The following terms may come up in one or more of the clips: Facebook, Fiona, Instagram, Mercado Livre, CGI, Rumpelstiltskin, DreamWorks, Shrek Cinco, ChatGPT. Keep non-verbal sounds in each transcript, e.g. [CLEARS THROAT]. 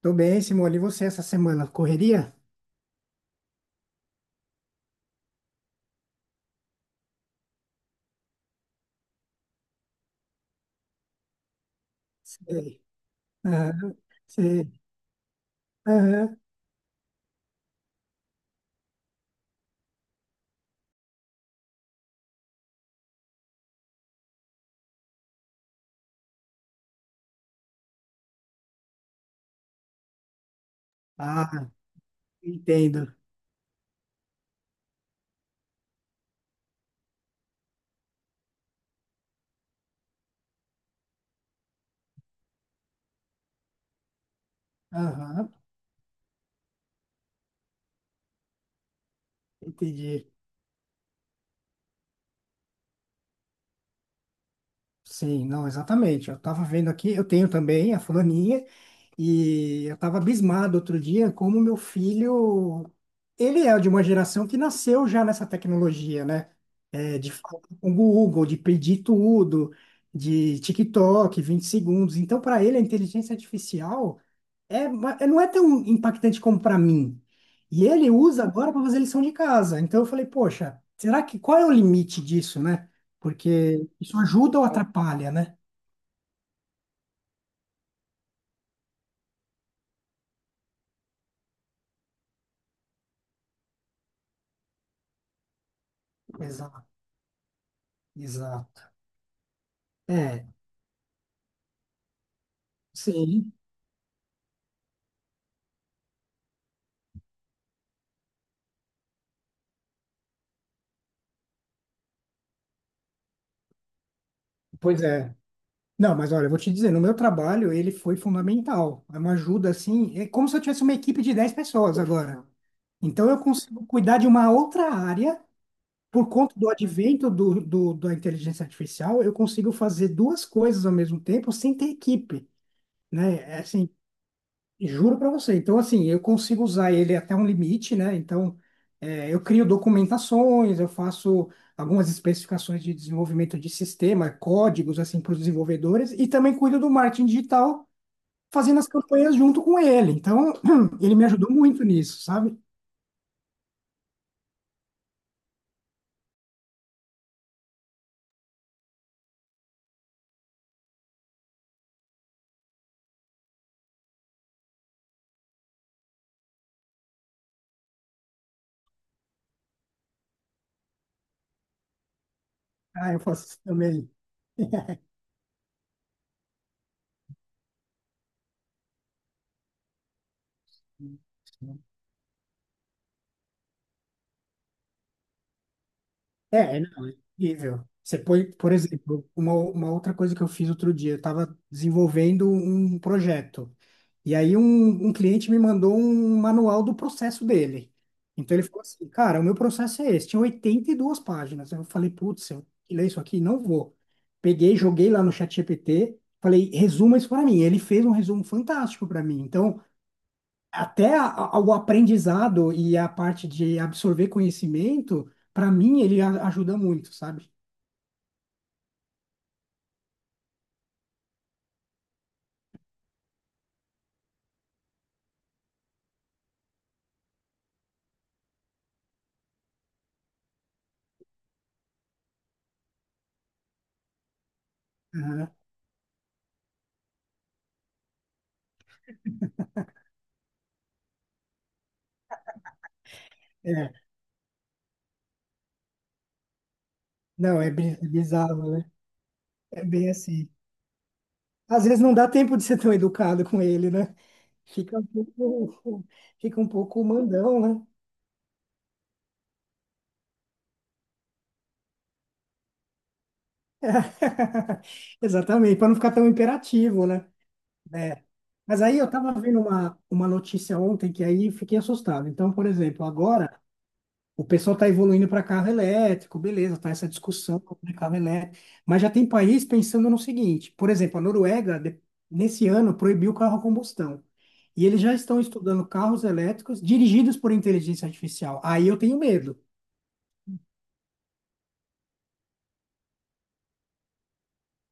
Tô bem, Simone. E você essa semana? Correria? Sei. Aham, sei. Aham. Ah, entendo. Aham, entendi. Sim, não, exatamente. Eu tava vendo aqui, eu tenho também a fulaninha, e eu tava abismado outro dia como meu filho, ele é de uma geração que nasceu já nessa tecnologia, né? É, de falar com o Google, de pedir tudo, de TikTok, 20 segundos. Então, para ele, a inteligência artificial. É, não é tão impactante como para mim. E ele usa agora para fazer lição de casa. Então eu falei, poxa, será que qual é o limite disso, né? Porque isso ajuda ou atrapalha, né? Exato, exato. É, sim, pois é. Não, mas olha, eu vou te dizer, no meu trabalho ele foi fundamental. É uma ajuda assim, é como se eu tivesse uma equipe de 10 pessoas agora. Então eu consigo cuidar de uma outra área. Por conta do advento da inteligência artificial, eu consigo fazer duas coisas ao mesmo tempo sem ter equipe, né? É assim, juro para você. Então, assim, eu consigo usar ele até um limite, né? Então, é, eu crio documentações, eu faço algumas especificações de desenvolvimento de sistema, códigos, assim, para os desenvolvedores, e também cuido do marketing digital, fazendo as campanhas junto com ele. Então, [CLEARS THROAT] ele me ajudou muito nisso, sabe? Ah, eu faço isso também. [LAUGHS] É, não, é incrível. Você põe, por exemplo, uma outra coisa que eu fiz outro dia, eu estava desenvolvendo um projeto. E aí um cliente me mandou um manual do processo dele. Então ele falou assim, cara, o meu processo é esse, tinha 82 páginas. Eu falei, putz, eu vou ler isso aqui? Não vou. Peguei, joguei lá no chat ChatGPT, falei, resuma isso para mim. Ele fez um resumo fantástico para mim. Então, até o aprendizado e a parte de absorver conhecimento, para mim, ele ajuda muito, sabe? Aham. É, não, é bizarro, né? É bem assim. Às vezes não dá tempo de ser tão educado com ele, né? Fica um pouco, fica um pouco mandão, né? [LAUGHS] Exatamente, para não ficar tão imperativo, né? É. Mas aí eu estava vendo uma notícia ontem que aí fiquei assustado. Então, por exemplo, agora, o pessoal está evoluindo para carro elétrico, beleza, tá essa discussão sobre carro elétrico. Mas já tem país pensando no seguinte: por exemplo, a Noruega, nesse ano, proibiu o carro a combustão. E eles já estão estudando carros elétricos dirigidos por inteligência artificial. Aí eu tenho medo.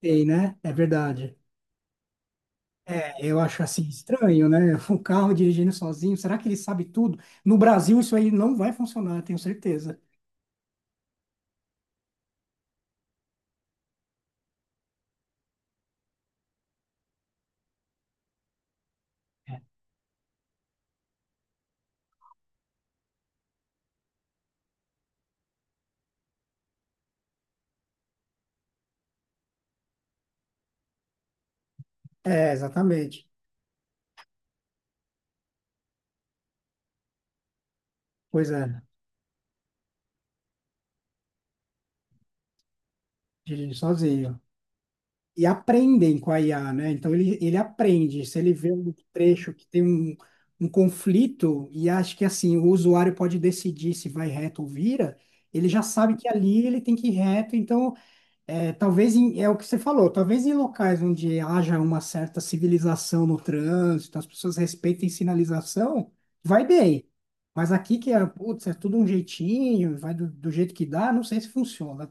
Tem, né? É verdade. É, eu acho assim estranho, né? [LAUGHS] Um carro dirigindo sozinho, será que ele sabe tudo? No Brasil, isso aí não vai funcionar, eu tenho certeza. É, exatamente. Pois é, dirigindo sozinho, e aprendem com a IA, né? Então ele aprende. Se ele vê um trecho que tem um conflito e acha que assim o usuário pode decidir se vai reto ou vira, ele já sabe que ali ele tem que ir reto. Então, é, talvez é o que você falou, talvez em locais onde haja uma certa civilização no trânsito, as pessoas respeitem sinalização, vai bem. Mas aqui que é, putz, é tudo um jeitinho, vai do jeito que dá, não sei se funciona,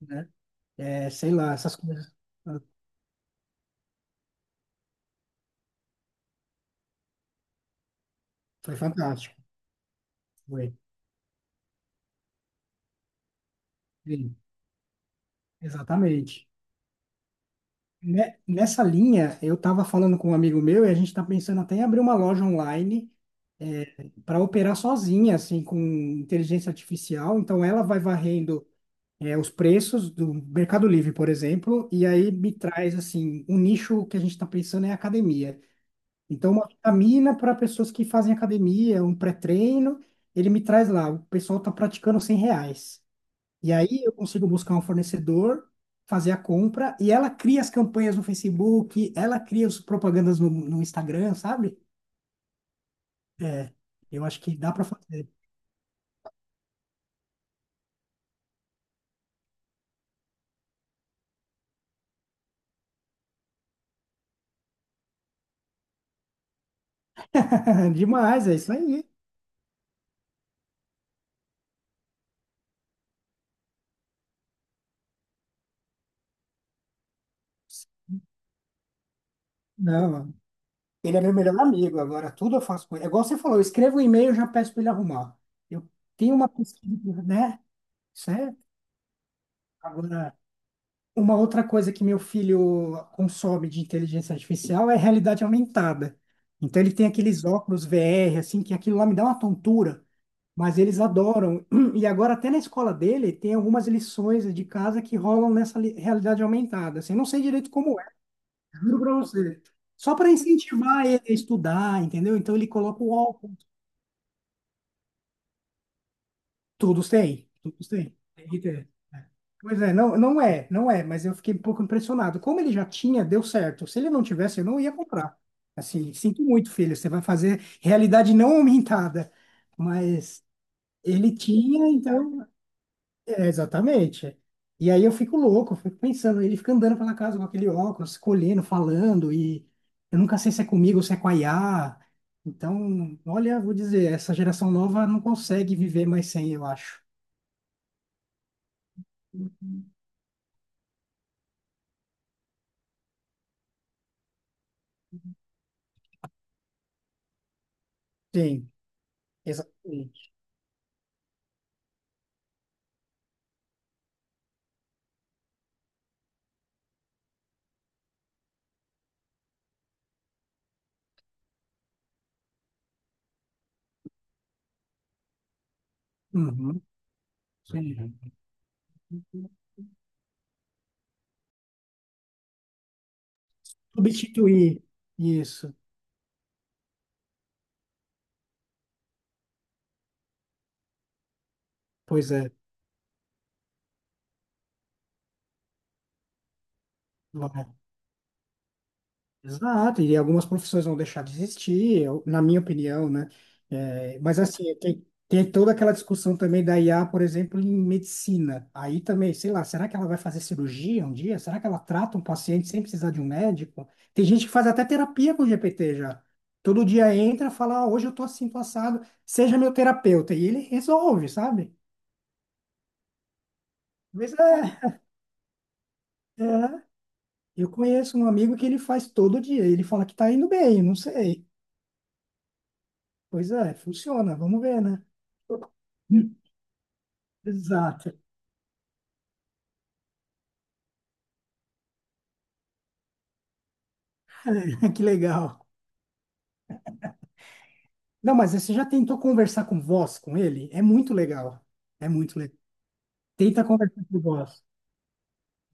né? É, sei lá, essas coisas. Foi fantástico. Foi. Sim, exatamente. Nessa linha, eu estava falando com um amigo meu e a gente está pensando até em abrir uma loja online para operar sozinha, assim, com inteligência artificial. Então, ela vai varrendo os preços do Mercado Livre, por exemplo, e aí me traz, assim, um nicho que a gente está pensando é academia. Então, uma vitamina para pessoas que fazem academia, um pré-treino, ele me traz lá, o pessoal está praticando R$ 100. E aí eu consigo buscar um fornecedor, fazer a compra, e ela cria as campanhas no Facebook, ela cria as propagandas no Instagram, sabe? É, eu acho que dá para fazer. [LAUGHS] Demais, é isso aí. Não, ele é meu melhor amigo, agora tudo eu faço com ele. É igual você falou, eu escrevo um e-mail e já peço para ele arrumar. Eu tenho uma pesquisa, né? Certo? Agora. Uma outra coisa que meu filho consome de inteligência artificial é realidade aumentada. Então ele tem aqueles óculos VR, assim, que aquilo lá me dá uma tontura, mas eles adoram. [CLEARS THROAT] E agora até na escola dele tem algumas lições de casa que rolam nessa realidade aumentada. Assim, eu não sei direito como é, juro pra você. Só para incentivar ele a estudar, entendeu? Então ele coloca o óculos. Todos têm, todos têm. Tem que ter. É. Pois é, não, não é, não é, mas eu fiquei um pouco impressionado. Como ele já tinha, deu certo. Se ele não tivesse, eu não ia comprar. Assim, sinto muito, filho, você vai fazer realidade não aumentada. Mas ele tinha, então. É, exatamente. E aí eu fico louco, eu fico pensando, ele fica andando pela casa com aquele óculos, escolhendo, falando, e eu nunca sei se é comigo ou se é com a IA. Então, olha, vou dizer, essa geração nova não consegue viver mais sem, eu acho. Sim. Exatamente. Uhum, sim. Substituir isso. Pois é. Vai. Exato. E algumas profissões vão deixar de existir, na minha opinião, né? É, mas assim, tem toda aquela discussão também da IA, por exemplo, em medicina. Aí também, sei lá, será que ela vai fazer cirurgia um dia? Será que ela trata um paciente sem precisar de um médico? Tem gente que faz até terapia com o GPT já. Todo dia entra, fala, "Ah, hoje eu tô assim, tô assado, seja meu terapeuta". E ele resolve, sabe? Mas é. Eu conheço um amigo que ele faz todo dia. Ele fala que tá indo bem, não sei. Pois é, funciona, vamos ver, né? Hum. Exato. [LAUGHS] Que legal. Não, mas você já tentou conversar com voz com ele? É muito legal. É muito legal. Tenta conversar com voz.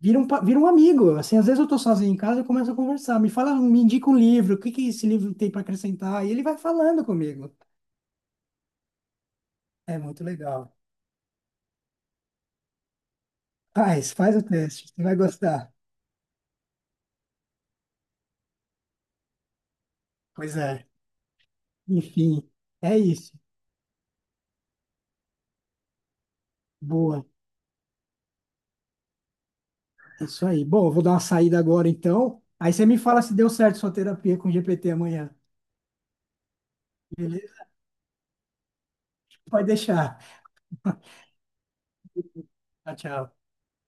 Vira um amigo. Assim, às vezes eu tô sozinho em casa e começo a conversar. Me fala, me indica um livro. O que que esse livro tem para acrescentar? E ele vai falando comigo. É muito legal. Faz, faz o teste. Você vai gostar. Pois é. Enfim, é isso. Boa. É isso aí. Bom, eu vou dar uma saída agora então. Aí você me fala se deu certo sua terapia com GPT amanhã. Beleza? Pode deixar. [LAUGHS] Tchau, tchau.